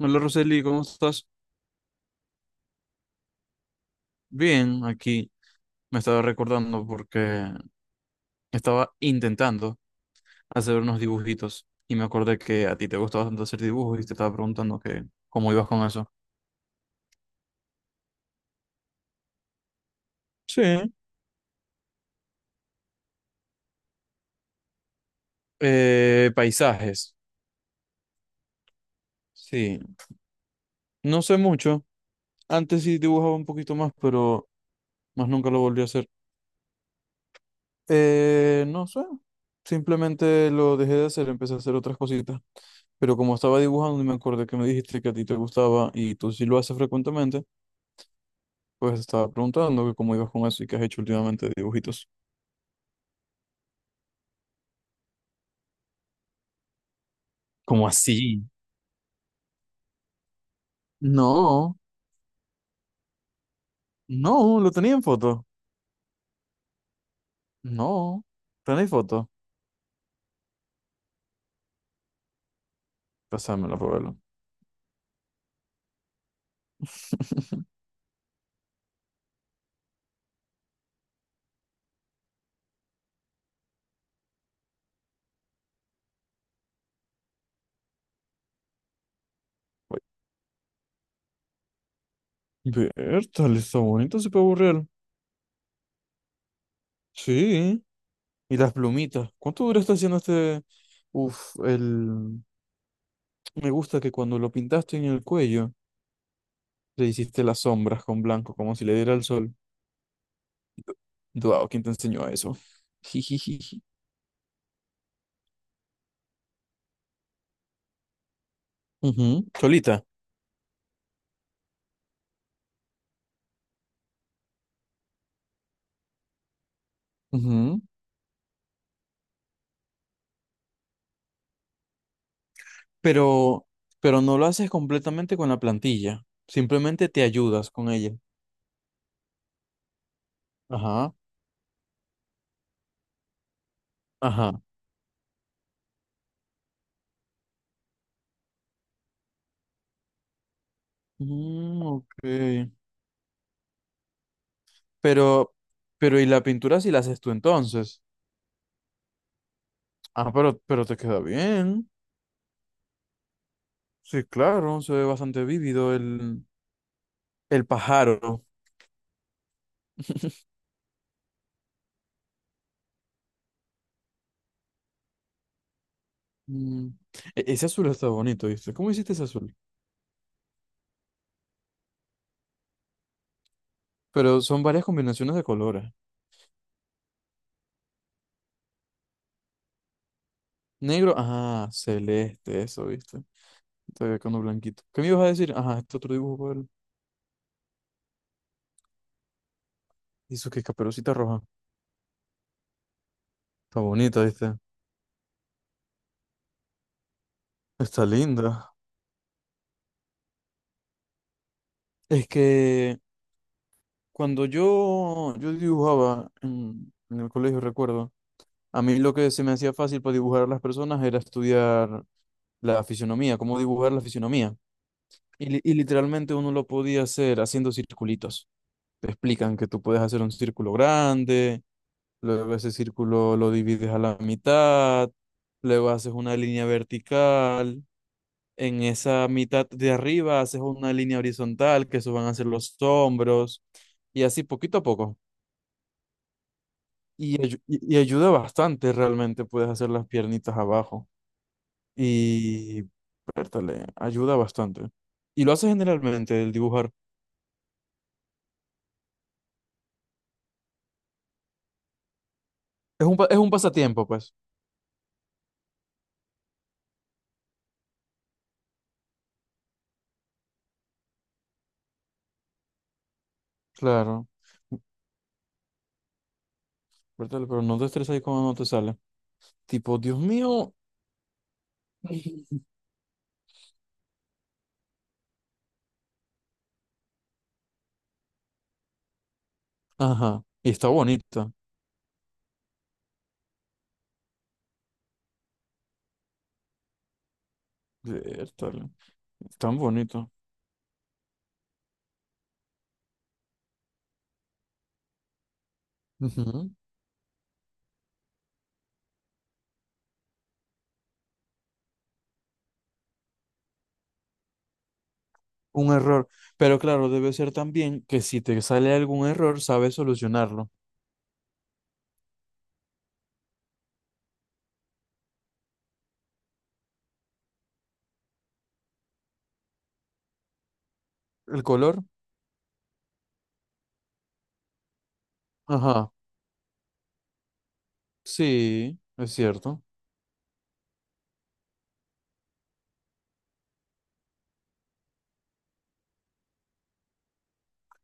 Hola Roseli, ¿cómo estás? Bien, aquí me estaba recordando porque estaba intentando hacer unos dibujitos y me acordé que a ti te gusta bastante hacer dibujos y te estaba preguntando que cómo ibas con eso. Sí. Paisajes, sí. No sé mucho. Antes sí dibujaba un poquito más, pero más nunca lo volví a hacer. No sé. Simplemente lo dejé de hacer, empecé a hacer otras cositas. Pero como estaba dibujando y me acordé que me dijiste que a ti te gustaba y tú sí lo haces frecuentemente. Pues estaba preguntando que cómo ibas con eso y qué has hecho últimamente de dibujitos. ¿Cómo así? No, no, lo tenía en foto. No, ¿tenéis foto? Pásamela para verlo. Ver, tal está bonito ese pavo real. Sí, y las plumitas. ¿Cuánto duraste haciendo este? Uf, el. Me gusta que cuando lo pintaste en el cuello, le hiciste las sombras con blanco, como si le diera el sol. Wow, ¿quién te enseñó a eso? Jijijiji. Ujú, solita. pero, pero no lo haces completamente con la plantilla. Simplemente te ayudas con ella. Ajá, ajá. Mm, ok. Pero, ¿Y la pintura si la haces tú entonces? Ah, pero te queda bien. Sí, claro, se ve bastante vívido el pájaro. Mm, Ese azul está bonito, ¿viste? ¿Cómo hiciste ese azul? Pero son varias combinaciones de colores. Negro, ah, celeste, eso, ¿viste? Todavía con uno blanquito. ¿Qué me ibas a decir? Ajá, este otro dibujo, Pablo. ¿Y eso qué? Caperucita roja. Está bonita, ¿viste? Está linda. Es que cuando yo dibujaba en el colegio, recuerdo, a mí lo que se me hacía fácil para dibujar a las personas era estudiar la fisionomía, cómo dibujar la fisionomía. Y literalmente uno lo podía hacer haciendo circulitos. Te explican que tú puedes hacer un círculo grande, luego ese círculo lo divides a la mitad, luego haces una línea vertical. En esa mitad de arriba haces una línea horizontal, que eso van a ser los hombros, y así poquito a poco. Y ayuda bastante realmente, puedes hacer las piernitas abajo. Y, pértale, ayuda bastante. Y lo haces generalmente, el dibujar. Es un pasatiempo, pues. Claro, pértale, pero no te estreses ahí cuando no te sale. Tipo, Dios mío. Ajá, y está bonita. Pértale, tan bonito. Ujú. Un error. Pero claro, debe ser también que si te sale algún error, sabes solucionarlo. ¿El color? Ajá. Sí, es cierto.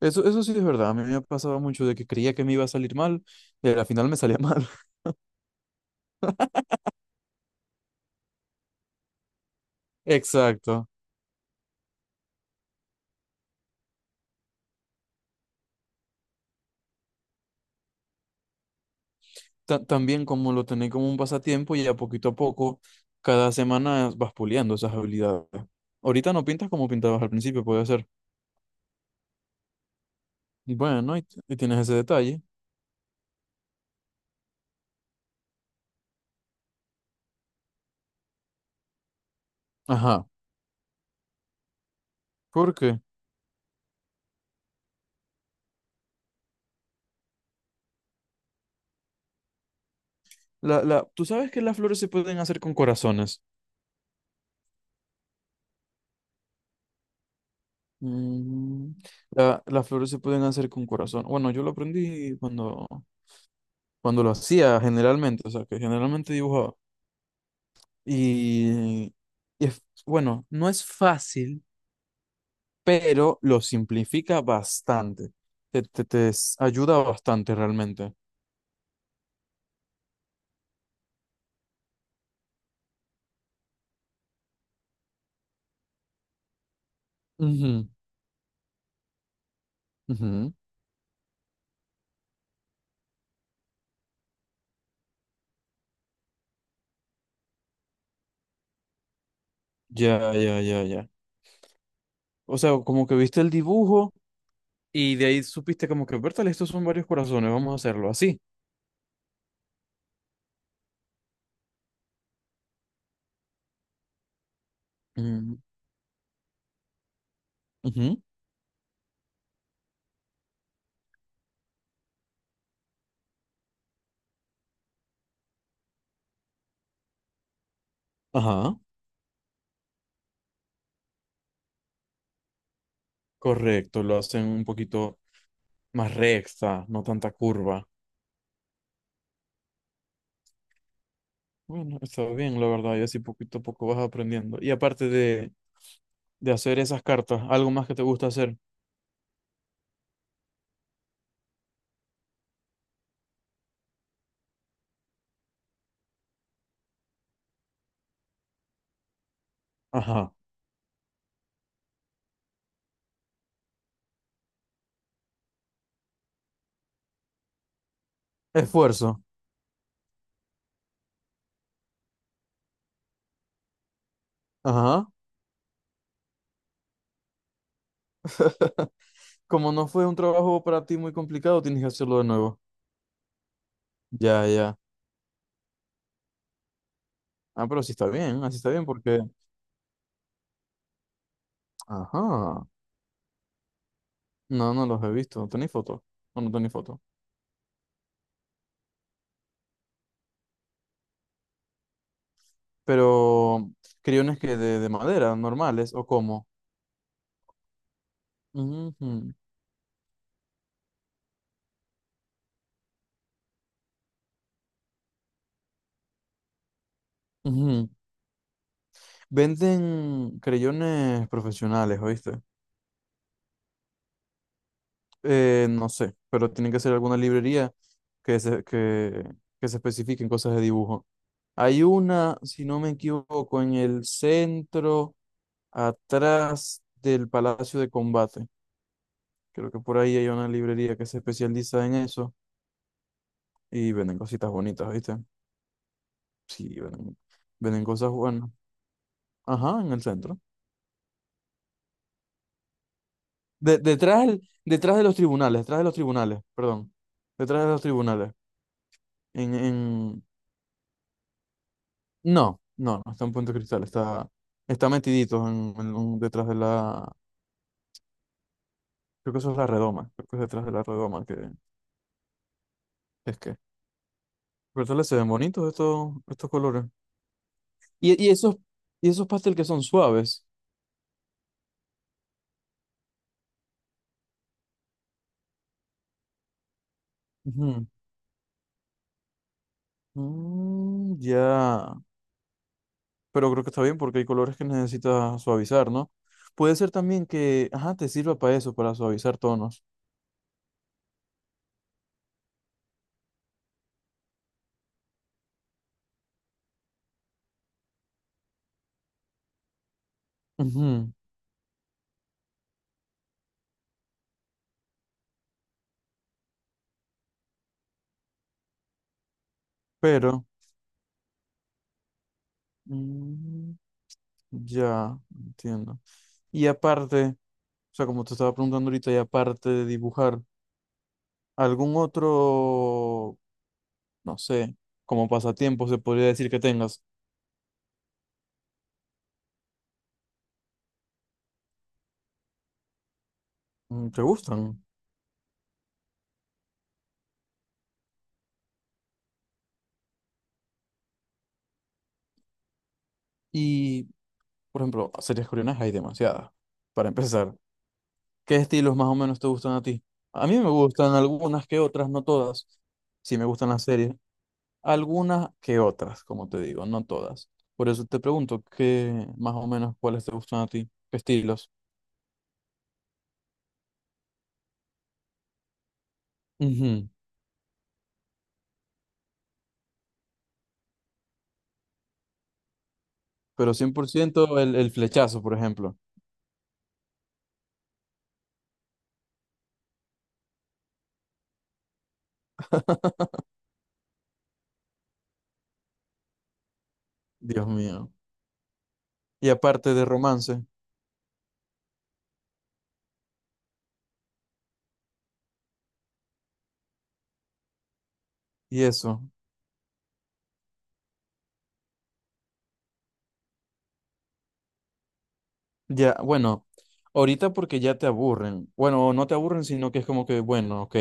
Eso sí es verdad. A mí me pasaba mucho de que creía que me iba a salir mal, y al final me salía mal. Exacto. También como lo tenés como un pasatiempo y a poquito a poco, cada semana vas puliendo esas habilidades. Ahorita no pintas como pintabas al principio, puede ser. Bueno, y tienes ese detalle. Ajá. ¿Por qué? Tú sabes que las flores se pueden hacer con corazones. Mm, las flores se pueden hacer con corazón. Bueno, yo lo aprendí cuando lo hacía generalmente, o sea, que generalmente dibujaba. Y, y es, bueno, no es fácil, pero lo simplifica bastante. Te ayuda bastante realmente. Ujú, ujú. Ya, ya, ya, ya. O sea, como que viste el dibujo y de ahí supiste como que, bertal, estos son varios corazones, vamos a hacerlo así. Mm, ujú. Ajá. Correcto, lo hacen un poquito más recta, no tanta curva. Bueno, está bien, la verdad, y así poquito a poco vas aprendiendo. Y aparte de hacer esas cartas, algo más que te gusta hacer. Ajá. Esfuerzo. Ajá. Como no fue un trabajo para ti muy complicado, tienes que hacerlo de nuevo. Ya, ya. Ah, pero sí está bien, así está bien porque. Ajá. No, no los he visto, no tenéis fotos. No, no tenéis fotos. Pero criones que de madera, ¿normales, o cómo? Ujú, ujú. Venden creyones profesionales, ¿oíste? No sé, pero tiene que ser alguna librería que se, que, que se especifique en cosas de dibujo. Hay una, si no me equivoco, en el centro, atrás del Palacio de Combate. Creo que por ahí hay una librería que se especializa en eso y venden cositas bonitas, ¿viste? Sí, venden cosas buenas. Ajá, en el centro. Detrás de los tribunales, perdón. Detrás de los tribunales. En, en, No, no, no está en Puente Cristal, está metidito en, detrás de la, creo que eso es la redoma, creo que es detrás de la redoma que es que. Pero tal vez se ven bonitos estos colores. Y esos pastel que son suaves. Ujú. Mm, ya, pero creo que está bien porque hay colores que necesitas suavizar, ¿no? Puede ser también que, ajá, te sirva para eso, para suavizar tonos. Ujú. Pero, mm, ya, entiendo. Y aparte, o sea, como te estaba preguntando ahorita, y aparte de dibujar, ¿algún otro, no sé, como pasatiempo se podría decir que tengas? Mm, ¿te gustan? Y, por ejemplo, series coreanas hay demasiadas. Para empezar, ¿qué estilos más o menos te gustan a ti? A mí me gustan algunas que otras, no todas. Sí me gustan las series, algunas que otras, como te digo, no todas. Por eso te pregunto, ¿qué más o menos cuáles te gustan a ti? ¿Qué estilos? Ujú. Pero 100% el flechazo, por ejemplo. Dios mío. Y aparte de romance y eso, ya, bueno, ahorita porque ya te aburren. Bueno, no te aburren, sino que es como que, bueno, ok,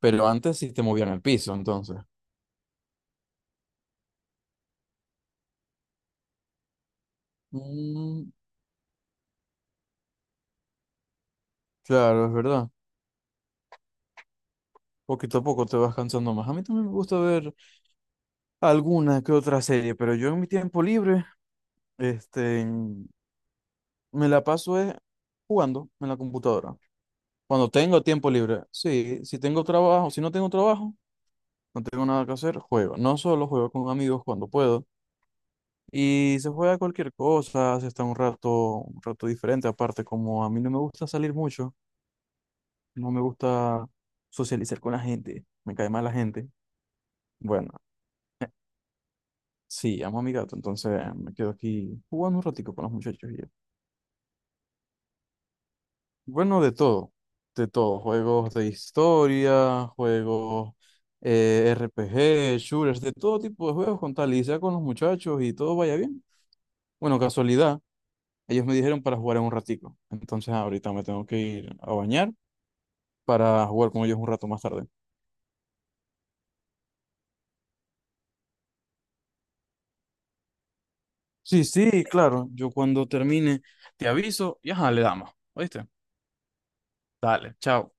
pero antes sí te movían el piso, entonces. Mm, claro, es verdad. Poquito a poco te vas cansando más. A mí también me gusta ver alguna que otra serie, pero yo en mi tiempo libre, este, me la paso jugando en la computadora. Cuando tengo tiempo libre, sí, si tengo trabajo, si no tengo trabajo. No tengo nada que hacer, juego. No solo juego con amigos cuando puedo. Y se juega cualquier cosa, se está un rato diferente. Aparte, como a mí no me gusta salir mucho, no me gusta socializar con la gente, me cae mal la gente. Bueno, sí, amo a mi gato, entonces me quedo aquí jugando un ratico con los muchachos. Y yo Bueno, de todo, de todo. Juegos de historia, juegos RPG, shooters, de todo tipo de juegos con tal y sea con los muchachos y todo vaya bien. Bueno, casualidad. Ellos me dijeron para jugar en un ratico. Entonces ahorita me tengo que ir a bañar para jugar con ellos un rato más tarde. Sí, sí, claro. Yo cuando termine te aviso y ajá, le damos. ¿Oíste? Dale, chao.